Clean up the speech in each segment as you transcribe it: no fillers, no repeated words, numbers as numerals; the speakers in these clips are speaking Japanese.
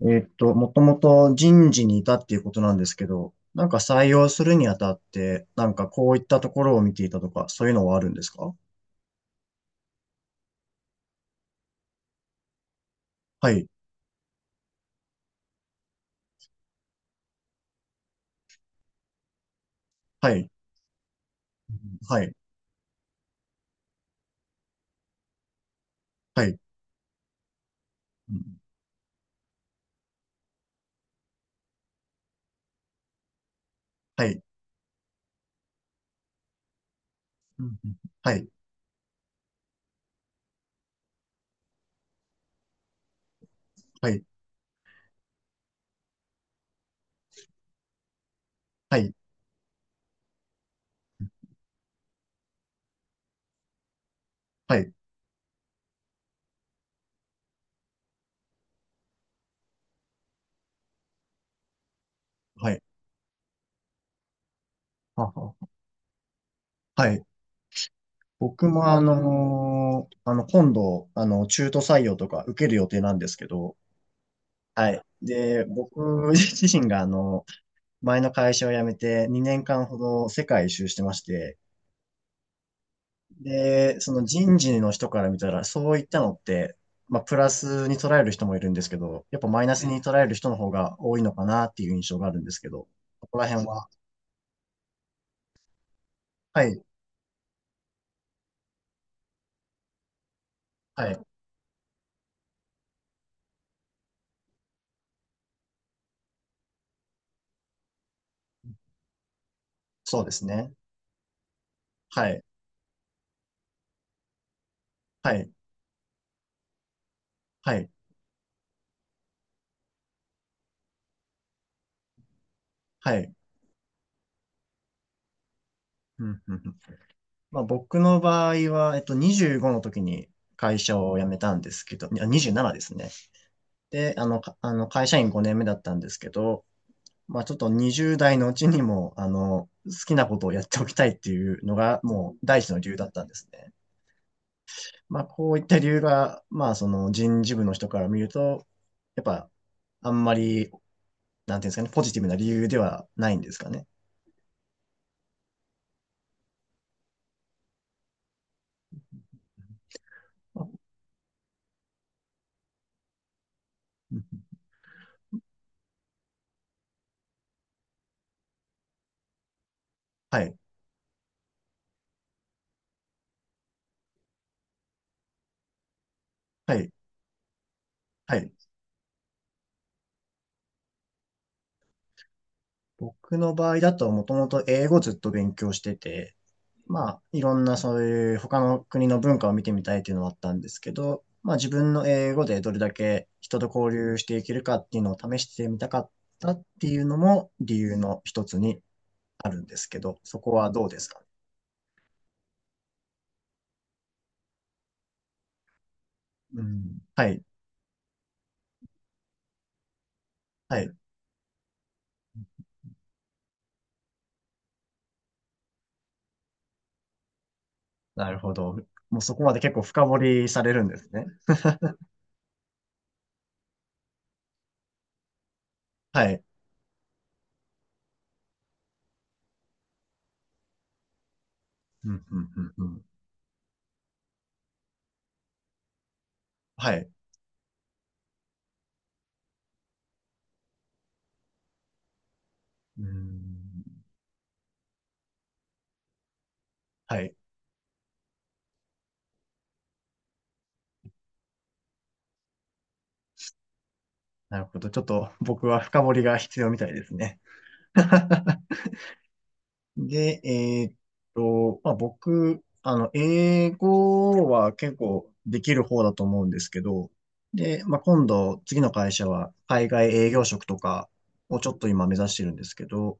もともと人事にいたっていうことなんですけど、なんか採用するにあたって、なんかこういったところを見ていたとか、そういうのはあるんですか？はい。はい。はい。はい。うん。はい。うん。はい、はい。はい。はい。はい。はは。はい。僕も今度、中途採用とか受ける予定なんですけど、はい。で、僕自身が前の会社を辞めて2年間ほど世界一周してまして、で、その人事の人から見たら、そういったのって、まあ、プラスに捉える人もいるんですけど、やっぱマイナスに捉える人の方が多いのかなっていう印象があるんですけど、ここら辺は、はい。はい。そうですね。はい。はい。はい。はい。うん。うん。うん。まあ、僕の場合は、25の時に会社を辞めたんですけど、いや27ですね。で、あの、かあの会社員5年目だったんですけど、まあちょっと20代のうちにも、好きなことをやっておきたいっていうのが、もう第一の理由だったんですね。まあこういった理由が、まあその人事部の人から見ると、やっぱ、あんまり、なんていうんですかね、ポジティブな理由ではないんですかね。あ、はい。はい。はい。僕の場合だともともと英語ずっと勉強してて、まあ、いろんなそういう他の国の文化を見てみたいっていうのはあったんですけど、まあ自分の英語でどれだけ人と交流していけるかっていうのを試してみたかったっていうのも理由の一つにあるんですけど、そこはどうですか？うん。はい。はい。なるほど。もうそこまで結構深掘りされるんですね。はい。うん。うん。うん。うん。はい。うん。はい。なるほど。ちょっと僕は深掘りが必要みたいですね。で、まあ、僕、英語は結構できる方だと思うんですけど、で、まあ、今度、次の会社は海外営業職とかをちょっと今目指してるんですけど、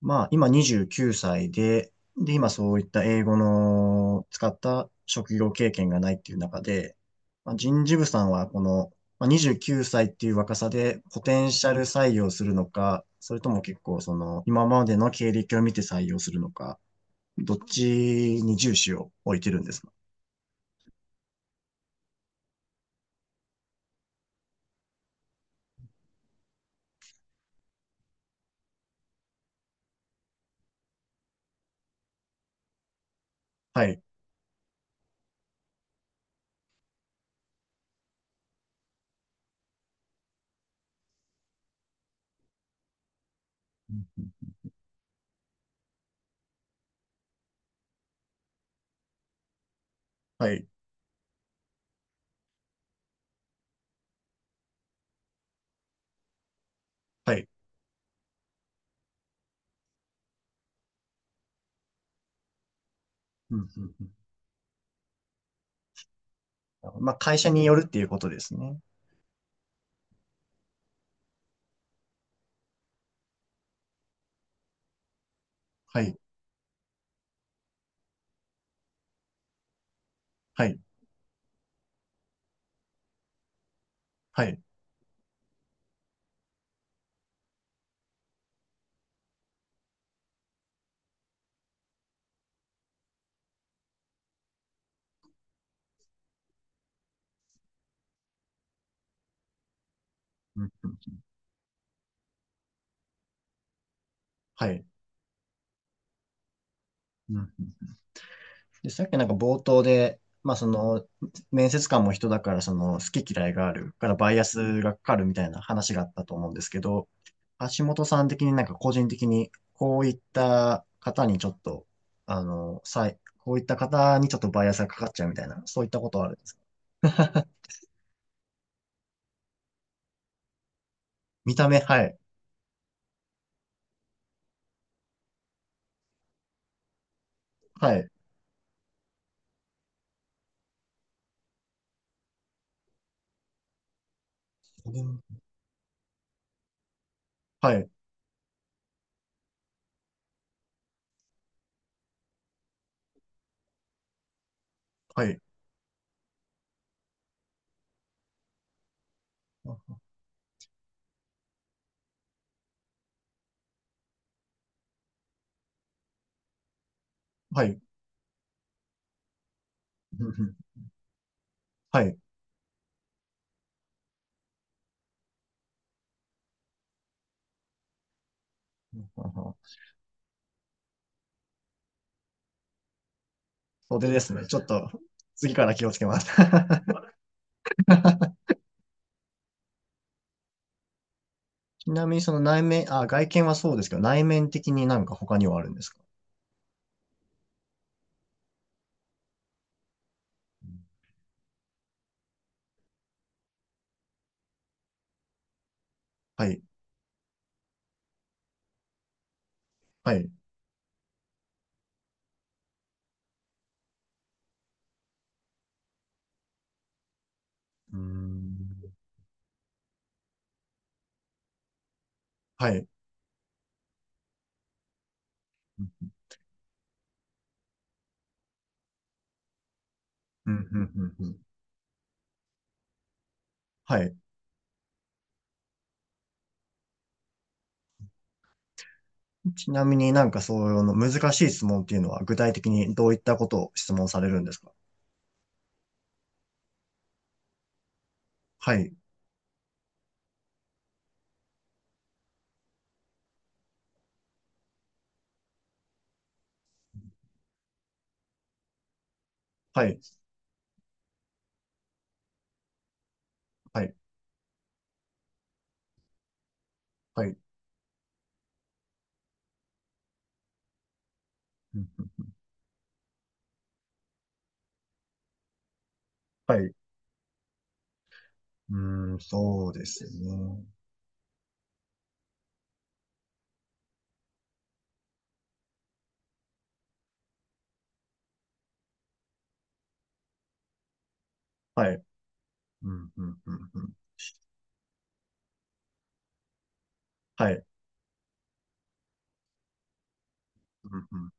まあ、今29歳で、で、今そういった英語の使った職業経験がないっていう中で、まあ、人事部さんはこの、まあ、29歳っていう若さでポテンシャル採用するのか、それとも結構その今までの経歴を見て採用するのか、どっちに重視を置いてるんですか？はい。はい。はい。うん。うん。うん。まあ、会社によるっていうことですね。はい。はい。はい。うん。うん。はい。うん。うん。で、さっきなんか冒頭で、まあその、面接官も人だからその好き嫌いがあるからバイアスがかかるみたいな話があったと思うんですけど、橋本さん的になんか個人的にこういった方にちょっと、こういった方にちょっとバイアスがかかっちゃうみたいな、そういったことはあるんですか？ 見た目。はい。はい。はい。はい。はい。はい。袖ですね。ちょっと次から気をつけます。ちなみにその内面、あ、外見はそうですけど、内面的になんか他にはあるんですか？はい。はい。うーん。はい。うん。うん。うん。うん。はい。ちなみになんかそういうの難しい質問っていうのは具体的にどういったことを質問されるんですか？はい。はい。はい。はい。うん。はい。うーん、そうですね。はい。うん。うん。うん。うん。はい。うん。うん。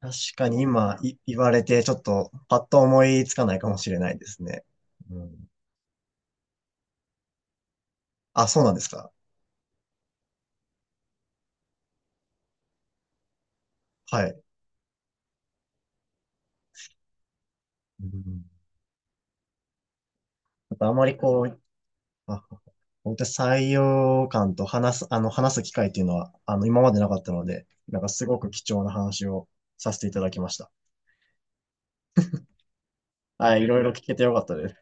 確かに今言われてちょっとパッと思いつかないかもしれないですね。うん。あ、そうなんですか？はい。うん、あとあまりこう、あ、本当に採用官と話す機会っていうのは、今までなかったので、なんかすごく貴重な話をさせていただきました。はい、いろいろ聞けてよかったです。